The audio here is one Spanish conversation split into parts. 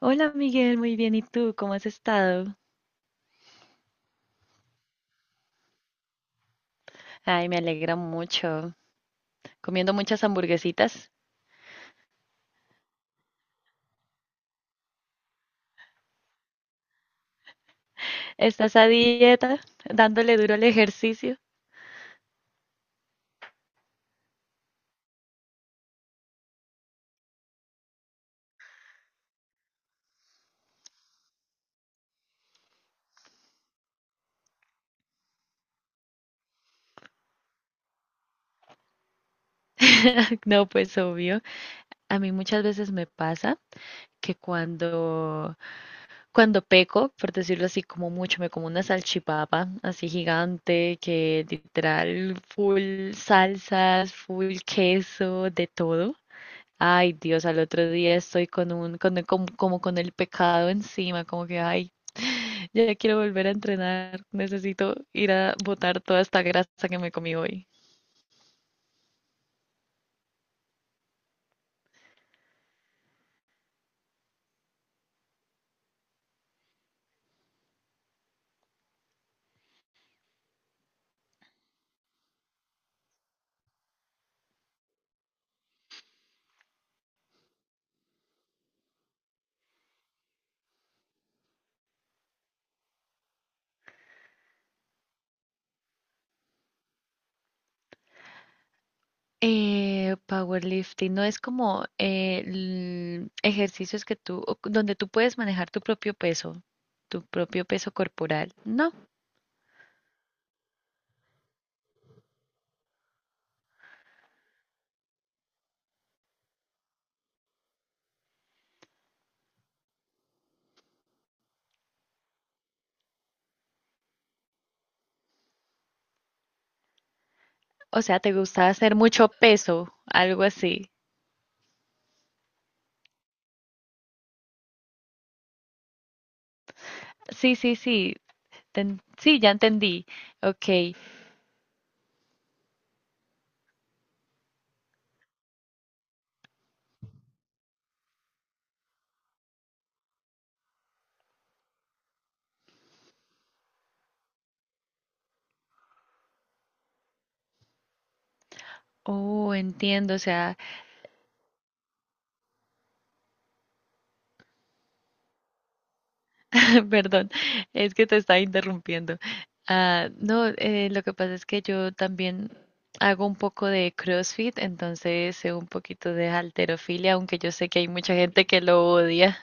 Hola Miguel, muy bien. ¿Y tú? ¿Cómo has estado? Ay, me alegra mucho. Comiendo muchas hamburguesitas. ¿Estás a dieta? ¿Dándole duro al ejercicio? No, pues obvio. A mí muchas veces me pasa que cuando peco, por decirlo así, como mucho, me como una salchipapa así gigante, que literal full salsas, full queso, de todo. Ay, Dios, al otro día estoy con un, con- como con el pecado encima, como que, ay, ya quiero volver a entrenar. Necesito ir a botar toda esta grasa que me comí hoy. Powerlifting no es como ejercicios que donde tú puedes manejar tu propio peso corporal. No, o sea, te gusta hacer mucho peso, algo así. Sí, sí, sí, sí, ya entendí. Ok. Oh, entiendo, o sea… Perdón, es que te estaba interrumpiendo. Ah, no, lo que pasa es que yo también hago un poco de CrossFit, entonces sé un poquito de halterofilia, aunque yo sé que hay mucha gente que lo odia.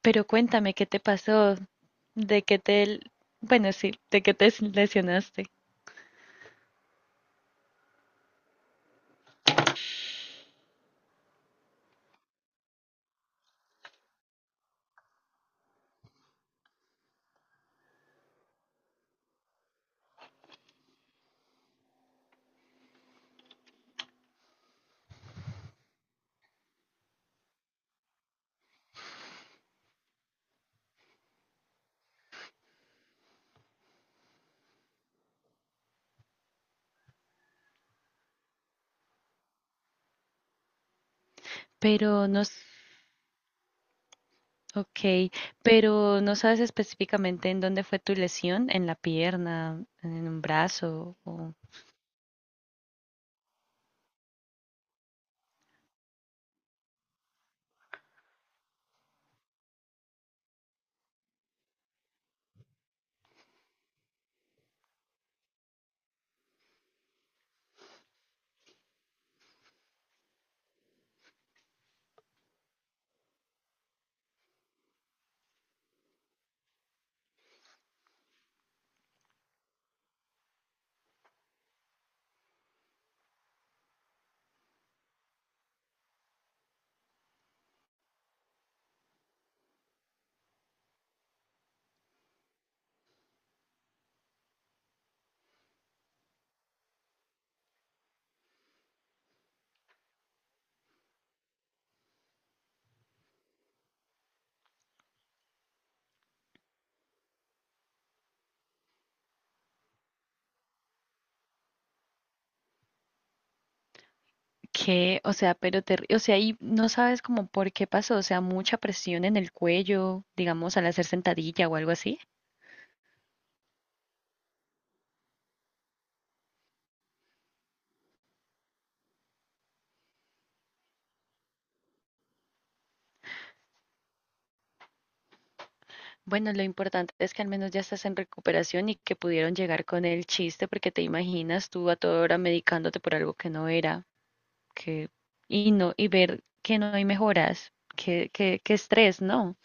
Pero cuéntame, ¿qué te pasó? ¿De qué te, bueno, sí, de qué te lesionaste? Pero no, s- ok, pero no sabes específicamente en dónde fue tu lesión, en la pierna, en un brazo, o… Que, o sea, pero te, o sea, y no sabes como por qué pasó, o sea, mucha presión en el cuello, digamos, al hacer sentadilla o algo así. Bueno, lo importante es que al menos ya estás en recuperación y que pudieron llegar con el chiste, porque te imaginas tú a toda hora medicándote por algo que no era, que, y no, y ver que no hay mejoras, que estrés, ¿no?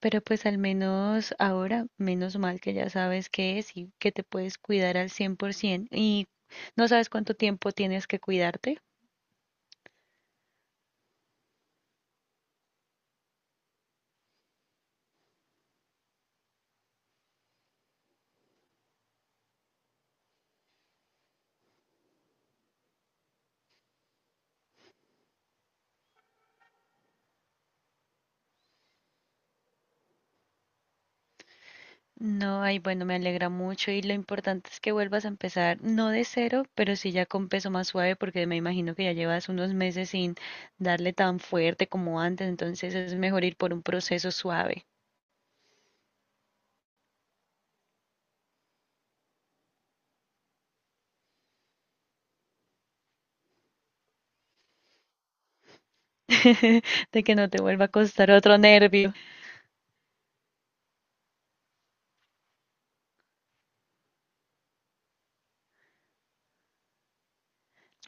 Pero pues al menos ahora, menos mal que ya sabes qué es y que te puedes cuidar al 100% y no sabes cuánto tiempo tienes que cuidarte. No, ay, bueno, me alegra mucho y lo importante es que vuelvas a empezar, no de cero, pero sí ya con peso más suave, porque me imagino que ya llevas unos meses sin darle tan fuerte como antes, entonces es mejor ir por un proceso suave, de que no te vuelva a costar otro nervio.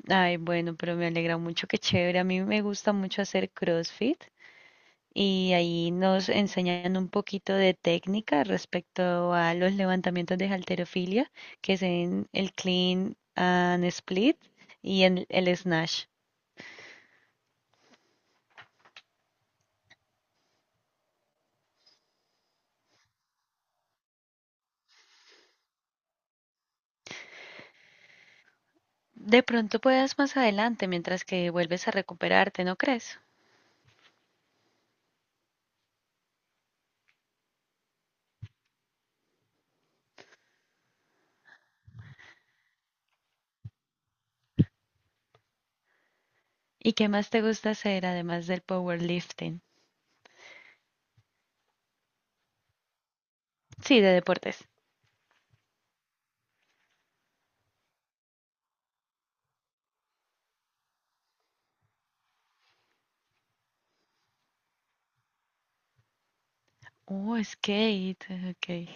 Ay, bueno, pero me alegra mucho, qué chévere, a mí me gusta mucho hacer CrossFit. Y ahí nos enseñan un poquito de técnica respecto a los levantamientos de halterofilia, que es en el clean and split y en el snatch. De pronto puedas más adelante mientras que vuelves a recuperarte, ¿no crees? ¿Y qué más te gusta hacer además del powerlifting? Sí, de deportes. Oh, skate, ok.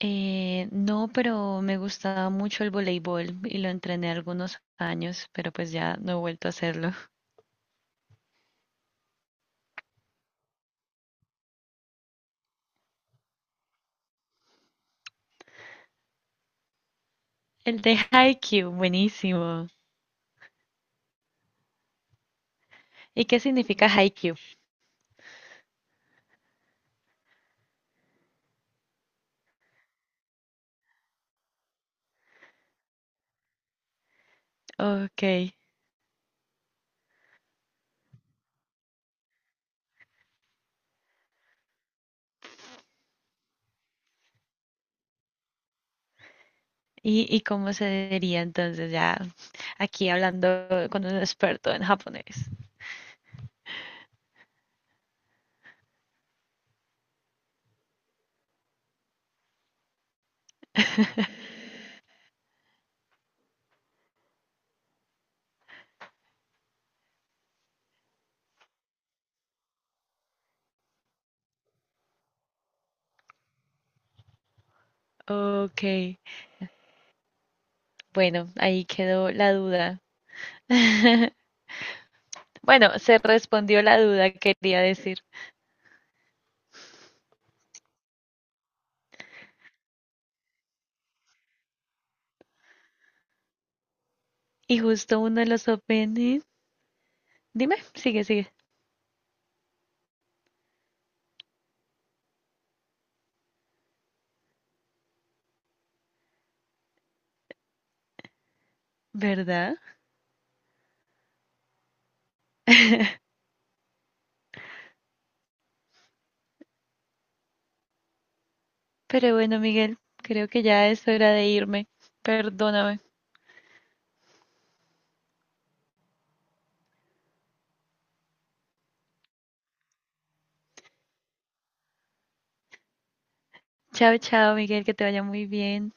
No, pero me gustaba mucho el voleibol y lo entrené algunos años, pero pues ya no he vuelto a hacerlo. El de Haikyuu, buenísimo. ¿Y qué significa Haikyuu? Ok. ¿Y cómo se diría entonces ya aquí hablando con un experto en japonés? Ok. Bueno, ahí quedó la duda. Bueno, se respondió la duda, quería decir. Y justo uno de los openings. Dime, sigue, sigue. ¿Verdad? Pero bueno, Miguel, creo que ya es hora de irme. Perdóname. Chao, chao, Miguel, que te vaya muy bien.